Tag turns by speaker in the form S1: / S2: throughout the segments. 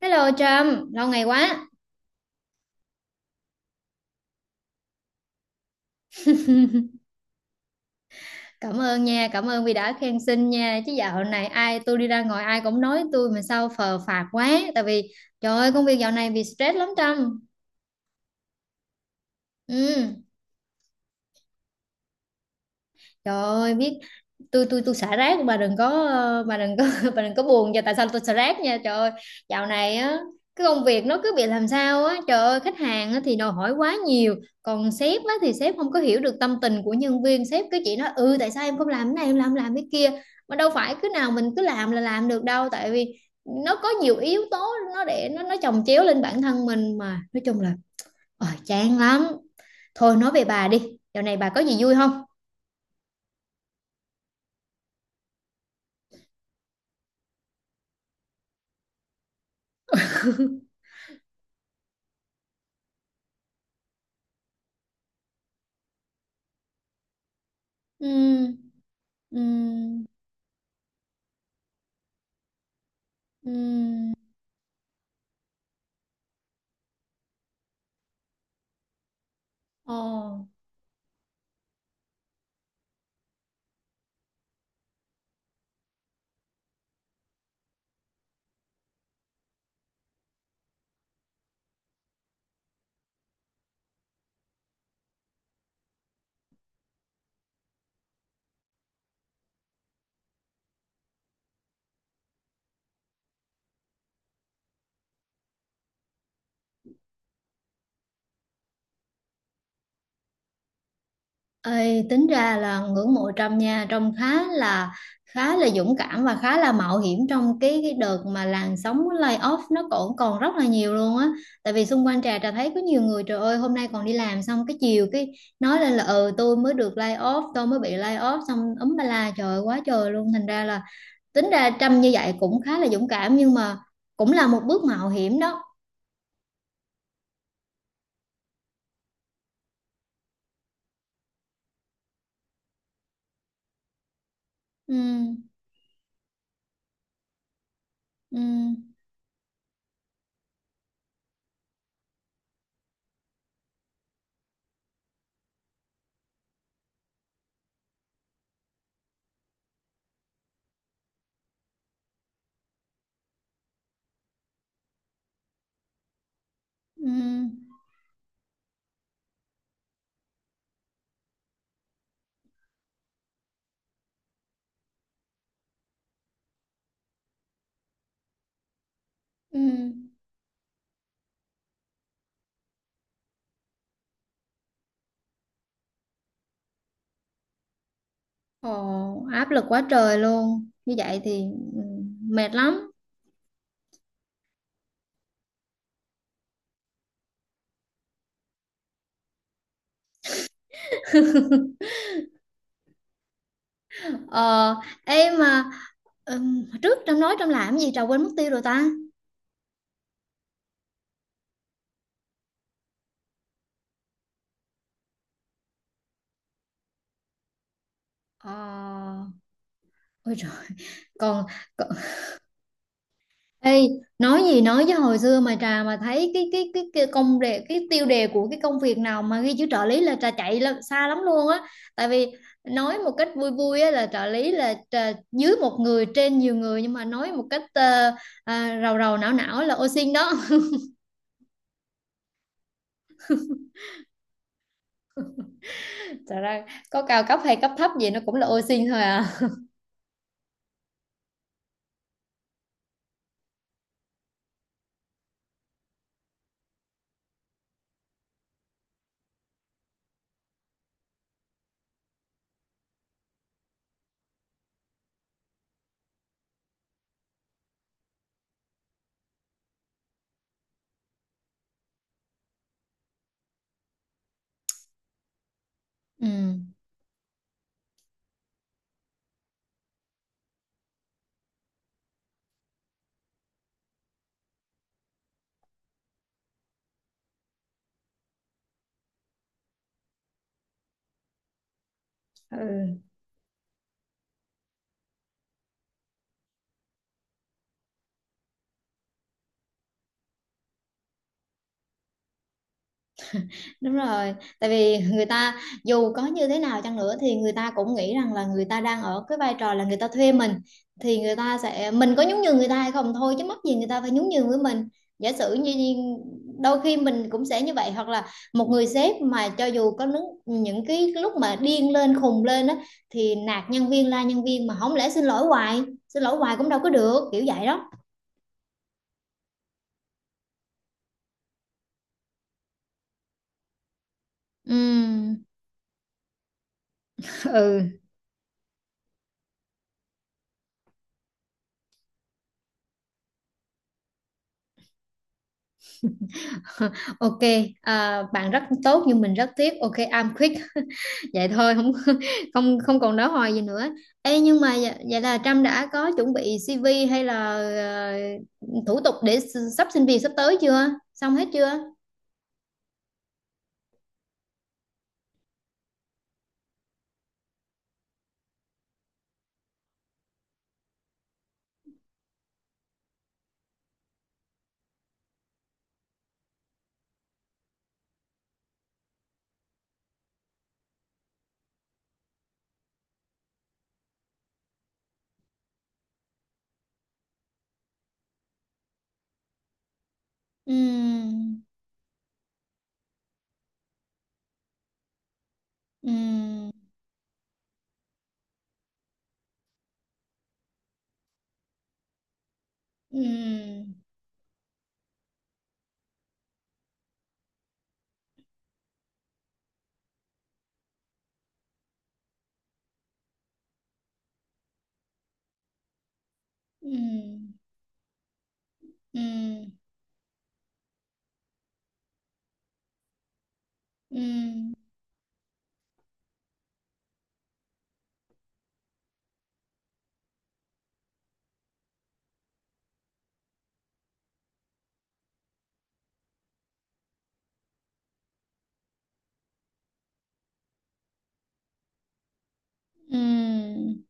S1: Hello Trâm, lâu ngày quá. Cảm ơn nha, cảm ơn vì đã khen xinh nha. Chứ dạo này ai tôi đi ra ngoài ai cũng nói tôi mà sao phờ phạc quá. Tại vì trời ơi công việc dạo này bị stress lắm Trâm. Ừ, trời ơi biết tôi xả rác bà đừng bà đừng có bà đừng có buồn cho tại sao tôi xả rác nha trời ơi dạo này á, cái công việc nó cứ bị làm sao á, trời ơi khách hàng á, thì đòi hỏi quá nhiều. Còn sếp á, thì sếp không có hiểu được tâm tình của nhân viên, sếp cứ chỉ nói ừ tại sao em không làm cái này em làm cái kia, mà đâu phải cứ nào mình cứ làm là làm được đâu. Tại vì nó có nhiều yếu tố, nó để nó chồng chéo lên bản thân mình, mà nói chung là chán lắm. Thôi nói về bà đi, dạo này bà có gì vui không? Ừ, ừ, ừm. Ồ. Ê, tính ra là ngưỡng mộ Trâm nha, Trâm khá là dũng cảm và khá là mạo hiểm trong cái đợt mà làn sóng layoff nó còn còn rất là nhiều luôn á. Tại vì xung quanh Trà, Trà thấy có nhiều người, trời ơi hôm nay còn đi làm xong cái chiều cái nói lên là ừ tôi mới được layoff, tôi mới bị layoff xong ấm ba la trời ơi, quá trời luôn. Thành ra là tính ra Trâm như vậy cũng khá là dũng cảm, nhưng mà cũng là một bước mạo hiểm đó. Ừ, ừ, ừ, ừ. Ồ, áp lực quá trời luôn. Như vậy thì ừ, mệt lắm. Ờ, em mà trước Trâm nói Trâm làm gì Trà quên mất tiêu rồi ta. Ờ, ôi trời, còn, còn ê, nói gì nói với hồi xưa mà Trà mà thấy cái công đề, cái tiêu đề của cái công việc nào mà ghi chữ trợ lý là Trà chạy là xa lắm luôn á. Tại vì nói một cách vui vui á, là trợ lý là trà, dưới một người trên nhiều người, nhưng mà nói một cách rầu rầu não não là ô xin đó. Thật ra có cao cấp hay cấp thấp gì nó cũng là ô sin thôi à. Ừ, ừ, đúng rồi. Tại vì người ta dù có như thế nào chăng nữa thì người ta cũng nghĩ rằng là người ta đang ở cái vai trò là người ta thuê mình, thì người ta sẽ mình có nhún nhường người ta hay không thôi, chứ mắc gì người ta phải nhún nhường với mình. Giả sử như như đôi khi mình cũng sẽ như vậy, hoặc là một người sếp mà cho dù có những cái lúc mà điên lên khùng lên á, thì nạt nhân viên la nhân viên mà không lẽ xin lỗi hoài cũng đâu có được, kiểu vậy đó. Ừ, ừ. OK, à, bạn rất tốt nhưng mình rất tiếc, OK I'm quick. Vậy thôi không không không còn nói hoài gì nữa. Ê, nhưng mà vậy, vậy là Trâm đã có chuẩn bị CV hay là ờ, thủ tục để sắp xin việc sắp tới chưa, xong hết chưa? Ừm, ừm, ừm, ừm, ừm, ừm, ừm,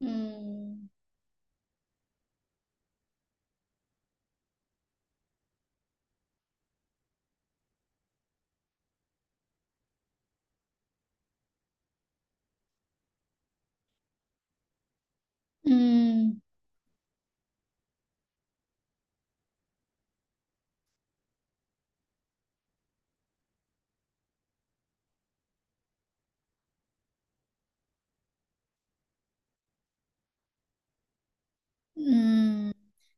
S1: ừm, ừm, ừm.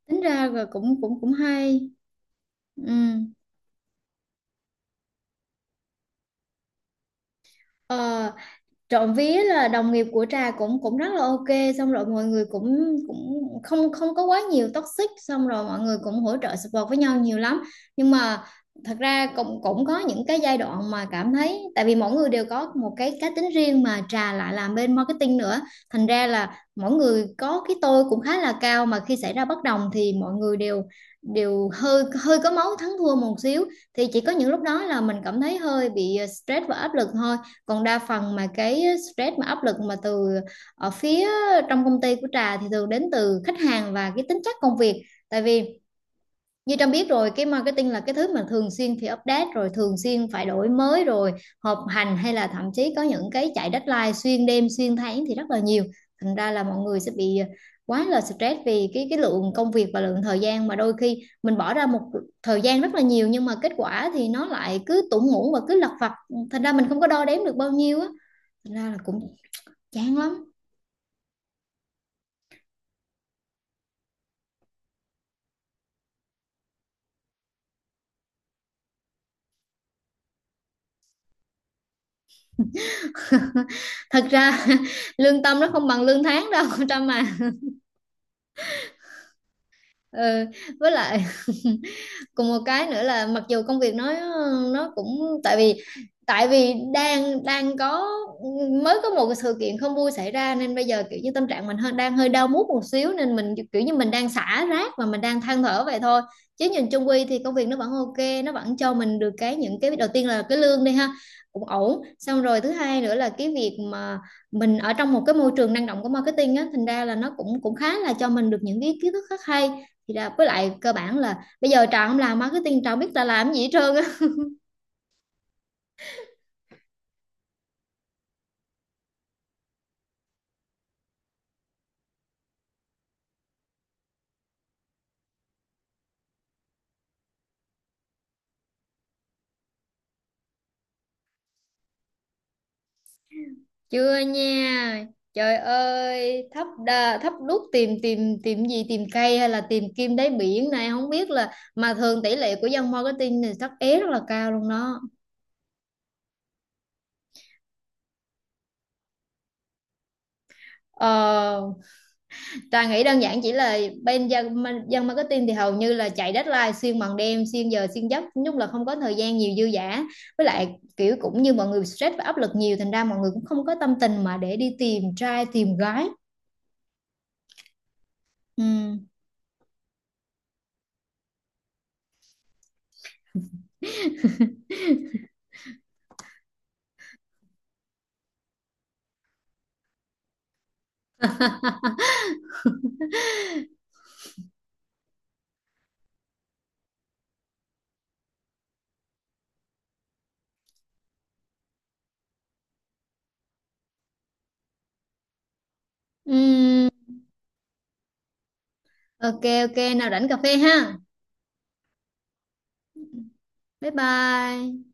S1: Tính ra là cũng cũng cũng hay. Ừm. Ờ, trộm vía là đồng nghiệp của Trà cũng cũng rất là OK, xong rồi mọi người cũng cũng không không có quá nhiều toxic, xong rồi mọi người cũng hỗ trợ support với nhau nhiều lắm. Nhưng mà thật ra cũng cũng có những cái giai đoạn mà cảm thấy tại vì mỗi người đều có một cái cá tính riêng, mà Trà lại làm bên marketing nữa, thành ra là mỗi người có cái tôi cũng khá là cao, mà khi xảy ra bất đồng thì mọi người đều đều hơi hơi có máu thắng thua một xíu. Thì chỉ có những lúc đó là mình cảm thấy hơi bị stress và áp lực thôi. Còn đa phần mà cái stress mà áp lực từ ở phía trong công ty của Trà thì thường đến từ khách hàng và cái tính chất công việc. Tại vì như Trâm biết rồi, cái marketing là cái thứ mà thường xuyên phải update rồi thường xuyên phải đổi mới rồi họp hành, hay là thậm chí có những cái chạy deadline xuyên đêm xuyên tháng thì rất là nhiều. Thành ra là mọi người sẽ bị quá là stress vì cái lượng công việc và lượng thời gian mà đôi khi mình bỏ ra một thời gian rất là nhiều nhưng mà kết quả thì nó lại cứ tủng muỗng và cứ lặt vặt, thành ra mình không có đo đếm được bao nhiêu á. Thật ra là cũng chán lắm. Thật ra lương tâm nó không bằng lương tháng đâu con Trâm à. Ừ, với lại còn một cái nữa là mặc dù công việc nó cũng tại vì đang đang có mới có một cái sự kiện không vui xảy ra, nên bây giờ kiểu như tâm trạng mình hơi đau mút một xíu, nên mình kiểu như mình đang xả rác và mình đang than thở vậy thôi. Chứ nhìn chung quy thì công việc nó vẫn OK, nó vẫn cho mình được cái những cái đầu tiên là cái lương đi ha, cũng ổn. Xong rồi thứ hai nữa là cái việc mà mình ở trong một cái môi trường năng động của marketing á, thành ra là nó cũng cũng khá là cho mình được những cái kiến thức rất hay. Thì là với lại cơ bản là bây giờ Trà không làm marketing Trà không biết Trà làm gì hết trơn á. Chưa nha, trời ơi thấp đa, thấp đút tìm tìm tìm gì, tìm cây hay là tìm kim đáy biển này không biết là, mà thường tỷ lệ của dân marketing thì thất é rất là cao luôn đó. Ờ, Trà nghĩ đơn giản chỉ là bên dân marketing thì hầu như là chạy deadline xuyên bằng đêm xuyên giờ xuyên giấc lúc, là không có thời gian nhiều dư dả. Với lại kiểu cũng như mọi người stress và áp lực nhiều, thành ra mọi người cũng không có tâm tình mà để đi tìm trai tìm gái. Ừ. Ừm, OK, OK nào rảnh cà phê ha, bye bye.